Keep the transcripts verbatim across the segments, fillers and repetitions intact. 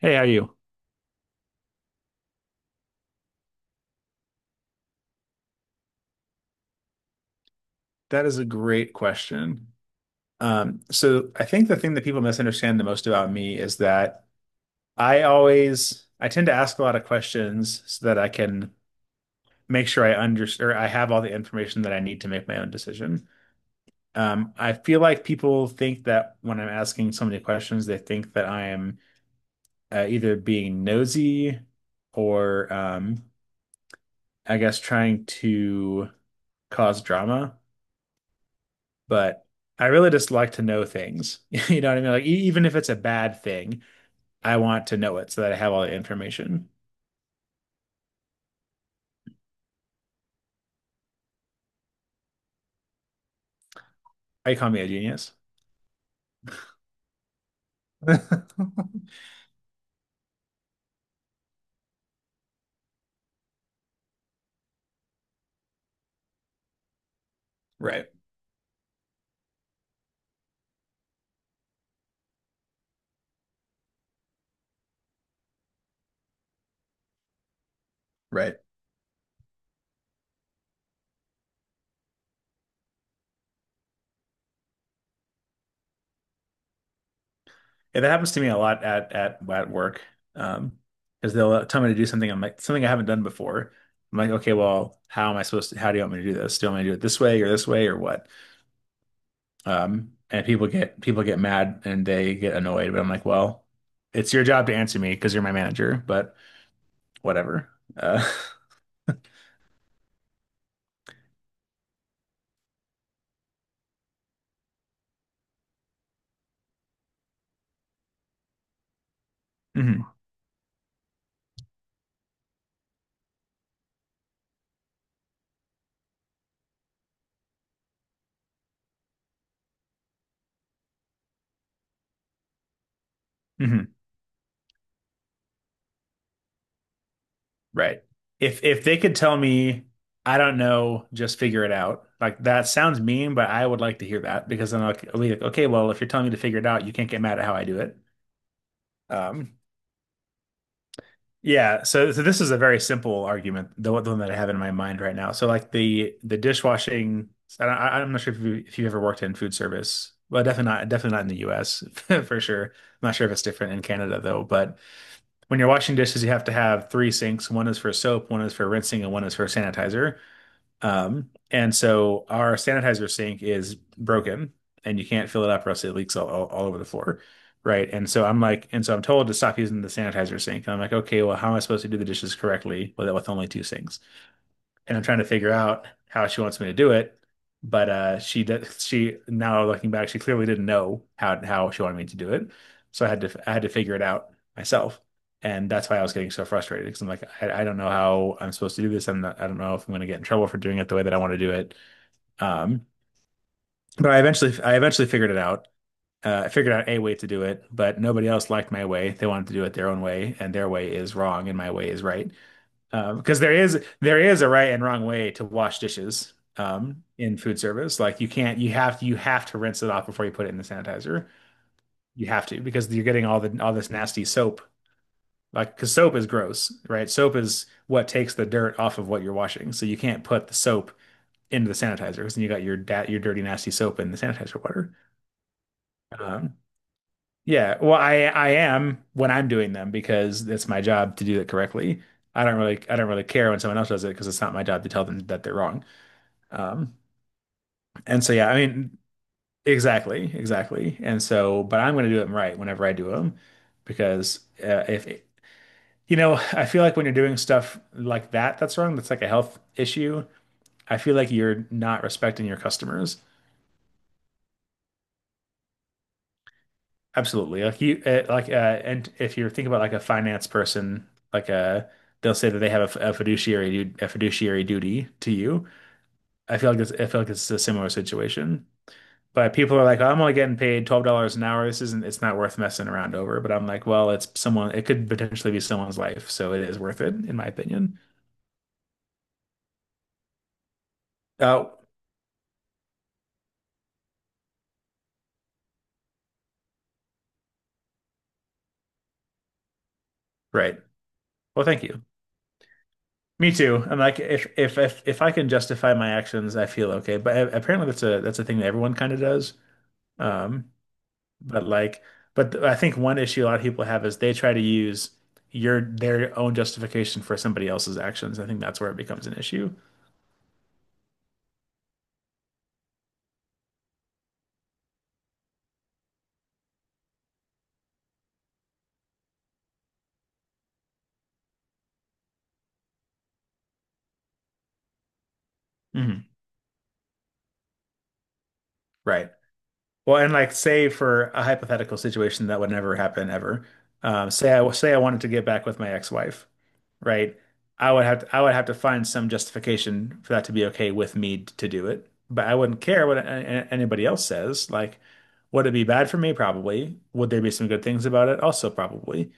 Hey, how are you? That is a great question. Um, so I think the thing that people misunderstand the most about me is that I always I tend to ask a lot of questions so that I can make sure I understand or I have all the information that I need to make my own decision. Um, I feel like people think that when I'm asking so many questions, they think that I am uh, either being nosy or um, I guess trying to cause drama. But I really just like to know things. You know what I mean? Like, e- even if it's a bad thing, I want to know it so that I have all the information. I call me a genius. Right. Right. Yeah, that happens to me a lot at at at work. Um, because they'll tell me to do something, I'm like something I haven't done before. I'm like, okay, well, how am I supposed to? How do you want me to do this? Do you want me to do it this way or this way or what? Um, and people get people get mad and they get annoyed, but I'm like, well, it's your job to answer me because you're my manager, but whatever. Uh, hmm Right. If if they could tell me, I don't know, just figure it out. Like that sounds mean, but I would like to hear that because then I'll, I'll be like, okay, well, if you're telling me to figure it out, you can't get mad at how I do it. Um, yeah. So so this is a very simple argument, the, one- the one that I have in my mind right now. So like the the dishwashing. I, don't- I- I'm not sure if you if you've ever worked in food service. Well, definitely not definitely not in the U S for sure. I'm not sure if it's different in Canada though, but. When you're washing dishes, you have to have three sinks. One is for soap, one is for rinsing, and one is for sanitizer. Um, and so our sanitizer sink is broken, and you can't fill it up, or else it leaks all, all, all over the floor, right? And so I'm like, and so I'm told to stop using the sanitizer sink. And I'm like, okay, well, how am I supposed to do the dishes correctly with with only two sinks? And I'm trying to figure out how she wants me to do it. But uh, she did, she, now looking back, she clearly didn't know how how she wanted me to do it. So I had to I had to figure it out myself, and that's why I was getting so frustrated, because I'm like I, I don't know how I'm supposed to do this. I'm not, I don't know if I'm going to get in trouble for doing it the way that I want to do it. Um, but I eventually I eventually figured it out. Uh, I figured out a way to do it, but nobody else liked my way. They wanted to do it their own way, and their way is wrong, and my way is right. Um, because there is there is a right and wrong way to wash dishes um, in food service. Like you can't, you have to you have to rinse it off before you put it in the sanitizer. You have to, because you're getting all the all this nasty soap. Like because soap is gross, right? Soap is what takes the dirt off of what you're washing. So you can't put the soap into the sanitizer, because then you got your da your dirty nasty soap in the sanitizer water. Um, yeah, well I I am when I'm doing them because that's my job to do it correctly. I don't really I don't really care when someone else does it because it's not my job to tell them that they're wrong. Um, and so yeah, I mean, exactly, exactly. And so, but I'm going to do them right whenever I do them because uh, if you know, I feel like when you're doing stuff like that that's wrong, that's like a health issue. I feel like you're not respecting your customers. Absolutely. Like you, uh, like, uh, and if you're thinking about like a finance person, like uh they'll say that they have a a fiduciary du- a fiduciary duty to you. I feel like it's, I feel like it's a similar situation. But people are like, oh, I'm only getting paid twelve dollars an hour. This isn't, it's not worth messing around over. But I'm like, well, it's someone, it could potentially be someone's life, so it is worth it, in my opinion. Oh, right. Well, thank you. Me too. I'm like, if if if if I can justify my actions, I feel okay. But a- apparently, that's a that's a thing that everyone kind of does. Um, but like, but th- I think one issue a lot of people have is they try to use your their own justification for somebody else's actions. I think that's where it becomes an issue. Hmm. Right. Well, and like say for a hypothetical situation that would never happen ever. Um, say I say I wanted to get back with my ex-wife, right? I would have to, I would have to find some justification for that to be okay with me to do it. But I wouldn't care what a- a- anybody else says. Like, would it be bad for me? Probably. Would there be some good things about it? Also, probably.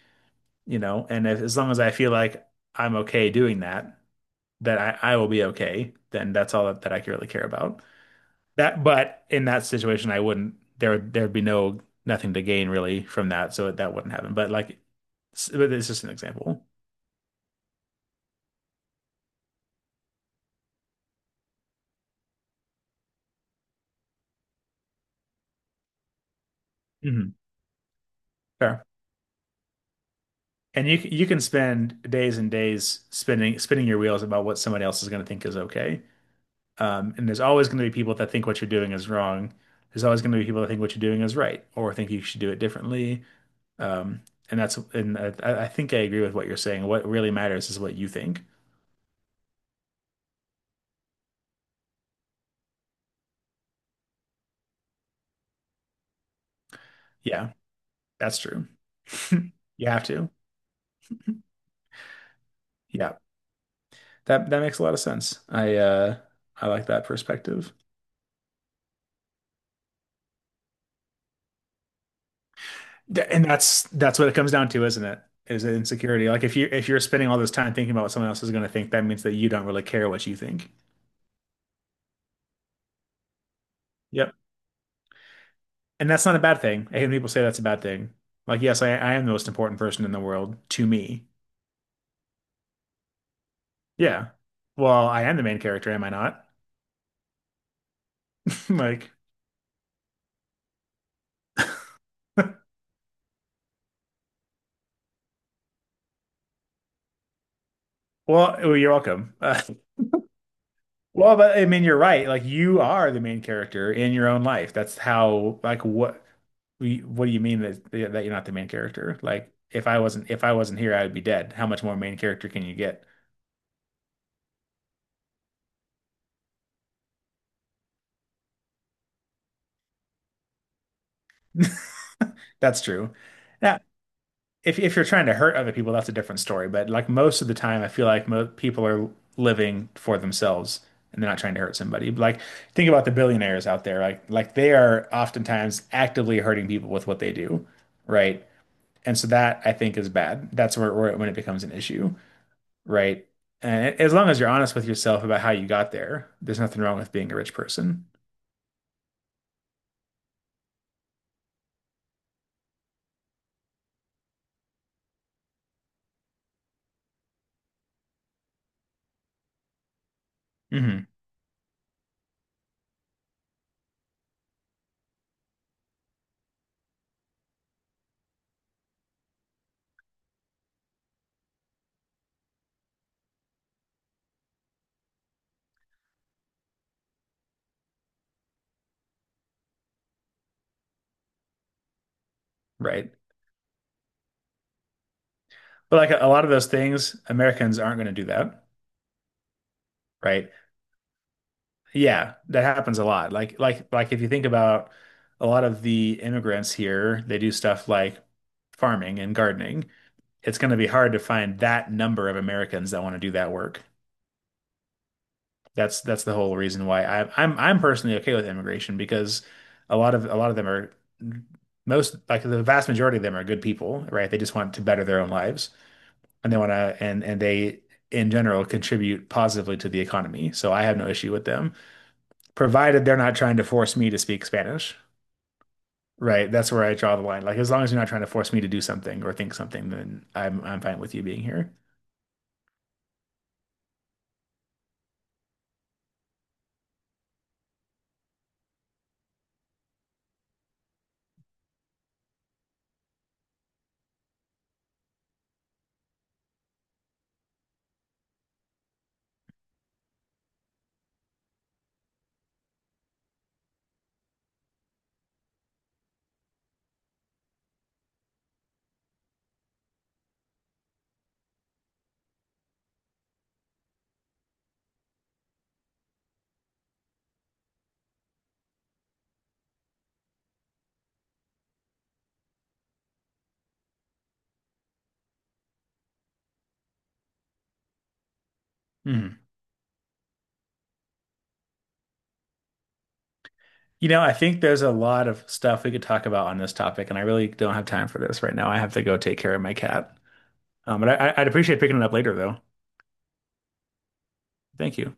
You know, and if, as long as I feel like I'm okay doing that, that I, I will be okay, then that's all that, that I really care about. That, but in that situation, I wouldn't. There, there'd be no nothing to gain really from that, so that wouldn't happen. But like, s- but it's just an example. Hmm. Fair. And you c- you can spend days and days spinning spinning your wheels about what somebody else is going to think is okay. Um, and there's always going to be people that think what you're doing is wrong. There's always going to be people that think what you're doing is right or think you should do it differently. Um, and that's and I, I think I agree with what you're saying. What really matters is what you think. Yeah, that's true. You have to. Yeah. That that makes a lot of sense. I uh I like that perspective. Th- And that's that's what it comes down to, isn't it? Is insecurity. Like if you if you're spending all this time thinking about what someone else is going to think, that means that you don't really care what you think. Yep. And that's not a bad thing. I hate when people say that's a bad thing. Like, yes, I, I am the most important person in the world to me. Yeah. Well, I am the main character, am I not? Like, well, oh, you're welcome. Uh, Well, but I mean, you're right. Like you are the main character in your own life. That's how, like, what, we- what do you mean that that you're not the main character? Like, if I wasn't, if I wasn't here, I would be dead. How much more main character can you get? That's true. Now, if if you're trying to hurt other people, that's a different story. But like most of the time, I feel like mo people are living for themselves and they're not trying to hurt somebody. Like, think about the billionaires out there. Like, like they are oftentimes actively hurting people with what they do, right? And so that I think is bad. That's where, where when it becomes an issue, right? And as long as you're honest with yourself about how you got there, there's nothing wrong with being a rich person. Mm-hmm. Right. But like a, a lot of those things, Americans aren't going to do that, right? Yeah, that happens a lot. Like like like if you think about a lot of the immigrants here, they do stuff like farming and gardening. It's going to be hard to find that number of Americans that want to do that work. That's that's the whole reason why I, I'm I'm personally okay with immigration, because a lot of a lot of them are most like the vast majority of them are good people, right? They just want to better their own lives and they want to and and they in general contribute positively to the economy. So I have no issue with them, provided they're not trying to force me to speak Spanish. Right. That's where I draw the line. Like as long as you're not trying to force me to do something or think something, then I'm I'm fine with you being here. Mhm. You know, I think there's a lot of stuff we could talk about on this topic, and I really don't have time for this right now. I have to go take care of my cat. Um, but I, I- I'd appreciate picking it up later, though. Thank you.